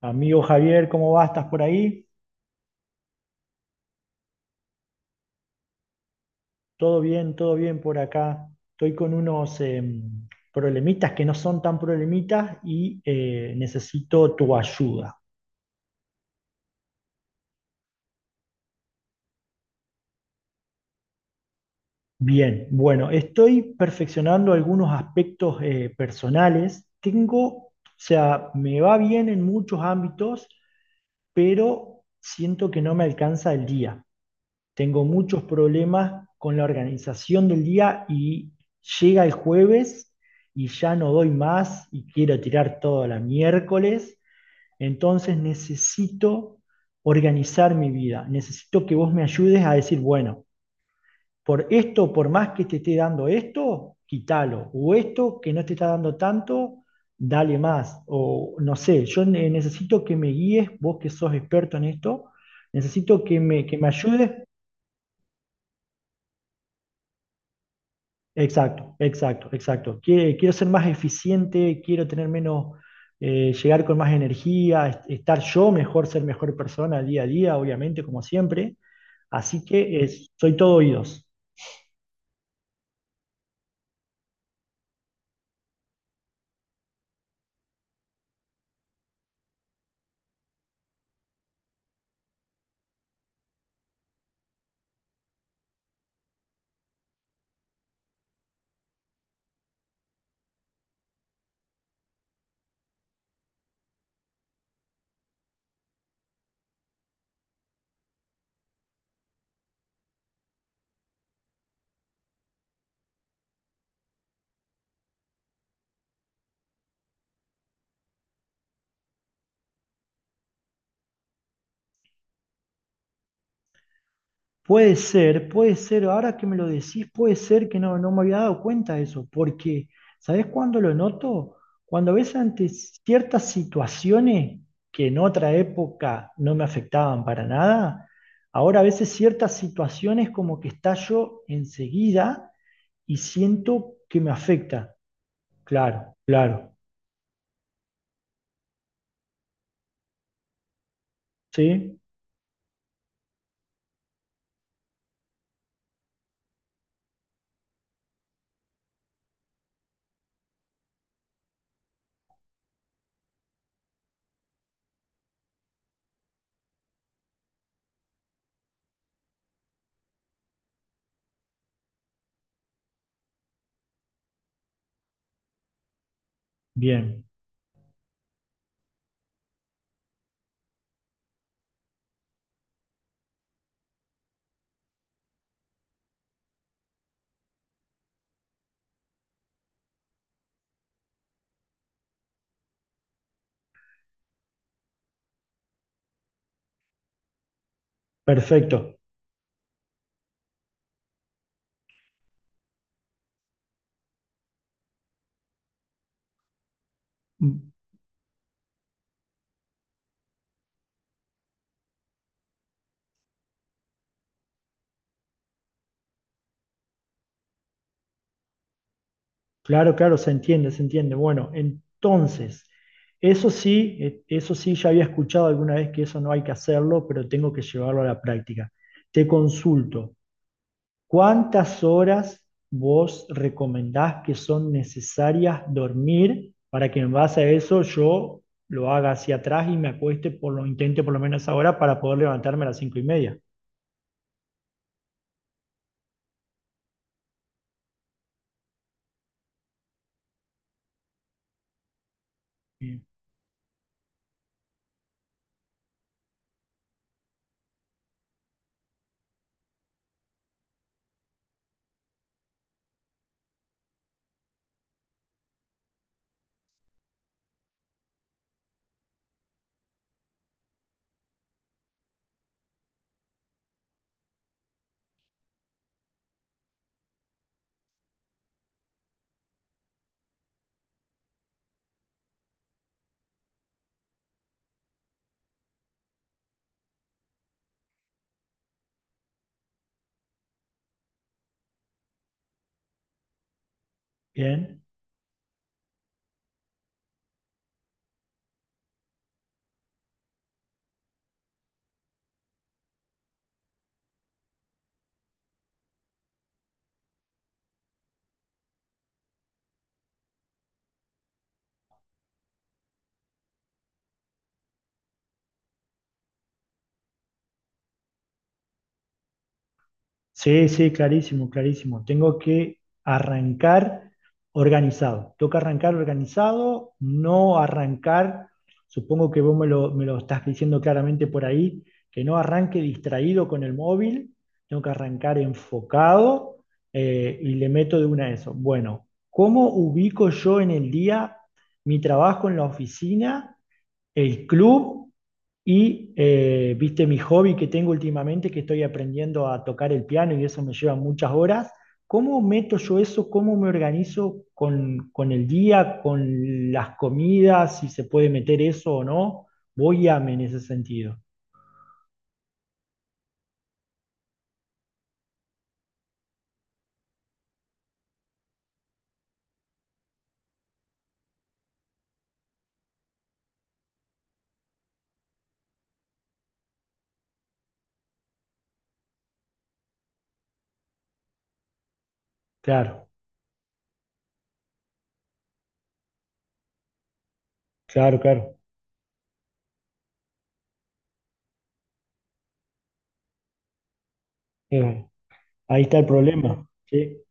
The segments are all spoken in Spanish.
Amigo Javier, ¿cómo vas? ¿Estás por ahí? Todo bien por acá. Estoy con unos problemitas que no son tan problemitas y necesito tu ayuda. Bien, bueno, estoy perfeccionando algunos aspectos personales. Tengo, o sea, me va bien en muchos ámbitos, pero siento que no me alcanza el día. Tengo muchos problemas con la organización del día y llega el jueves y ya no doy más y quiero tirar todo a la miércoles. Entonces necesito organizar mi vida. Necesito que vos me ayudes a decir, bueno, por esto, por más que te esté dando esto, quítalo. O esto que no te está dando tanto, dale más. O no sé, yo necesito que me guíes, vos que sos experto en esto, necesito que me ayudes. Exacto, exacto, exacto. Quiero ser más eficiente, quiero tener menos, llegar con más energía, estar yo mejor, ser mejor persona día a día, obviamente, como siempre. Así que soy todo oídos. Puede ser, ahora que me lo decís, puede ser que no, no me había dado cuenta de eso, porque ¿sabés cuándo lo noto? Cuando ves ante ciertas situaciones que en otra época no me afectaban para nada, ahora a veces ciertas situaciones como que estallo enseguida y siento que me afecta. Claro, claro, ¿sí? Bien, perfecto. Claro, claro, se entiende, se entiende. Bueno, entonces, eso sí, ya había escuchado alguna vez que eso no hay que hacerlo, pero tengo que llevarlo a la práctica. Te consulto, ¿cuántas horas vos recomendás que son necesarias dormir para que en base a eso yo lo haga hacia atrás y me acueste por lo intente por lo menos esa hora para poder levantarme a las 5:30? Bien. Bien. Sí, sí, clarísimo, clarísimo. Tengo que arrancar organizado. Toca arrancar organizado, no arrancar, supongo que vos me lo estás diciendo claramente por ahí, que no arranque distraído con el móvil, tengo que arrancar enfocado y le meto de una eso. Bueno, ¿cómo ubico yo en el día mi trabajo en la oficina? El club y, viste, mi hobby que tengo últimamente, que estoy aprendiendo a tocar el piano y eso me lleva muchas horas. ¿Cómo meto yo eso? ¿Cómo me organizo con el día, con las comidas, si se puede meter eso o no? Voy a en ese sentido. Claro, claro, claro. Eh, ahí está el problema. Sí,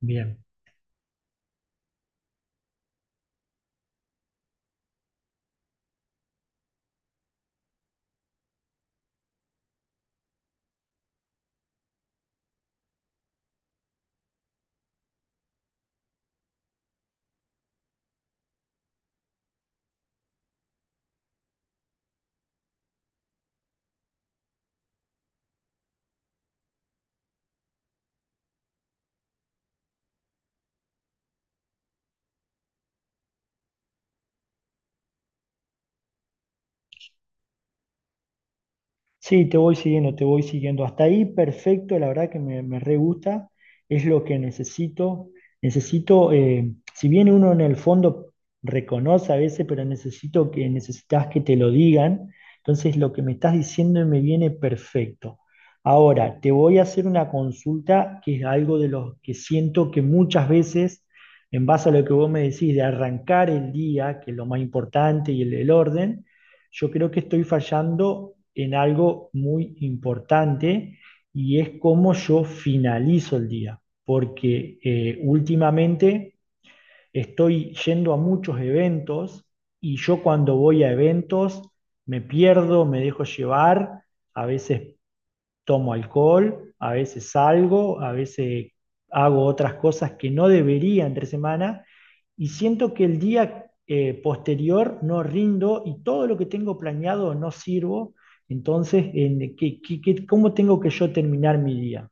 bien. Sí, te voy siguiendo, te voy siguiendo. Hasta ahí, perfecto, la verdad que me re gusta, es lo que necesito. Necesito, si bien uno en el fondo reconoce a veces, pero necesito que necesitas que te lo digan, entonces lo que me estás diciendo me viene perfecto. Ahora, te voy a hacer una consulta que es algo de lo que siento que muchas veces, en base a lo que vos me decís, de arrancar el día, que es lo más importante y el orden yo creo que estoy fallando en algo muy importante y es cómo yo finalizo el día, porque últimamente estoy yendo a muchos eventos y yo cuando voy a eventos me pierdo, me dejo llevar, a veces tomo alcohol, a veces salgo, a veces hago otras cosas que no debería entre semana y siento que el día posterior no rindo y todo lo que tengo planeado no sirvo. Entonces, en, ¿cómo tengo que yo terminar mi día?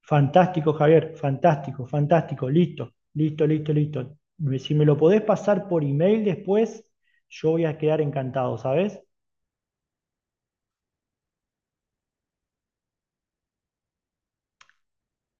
Fantástico, Javier, fantástico, fantástico, listo, listo, listo, listo. Si me lo podés pasar por email después, yo voy a quedar encantado, ¿sabes?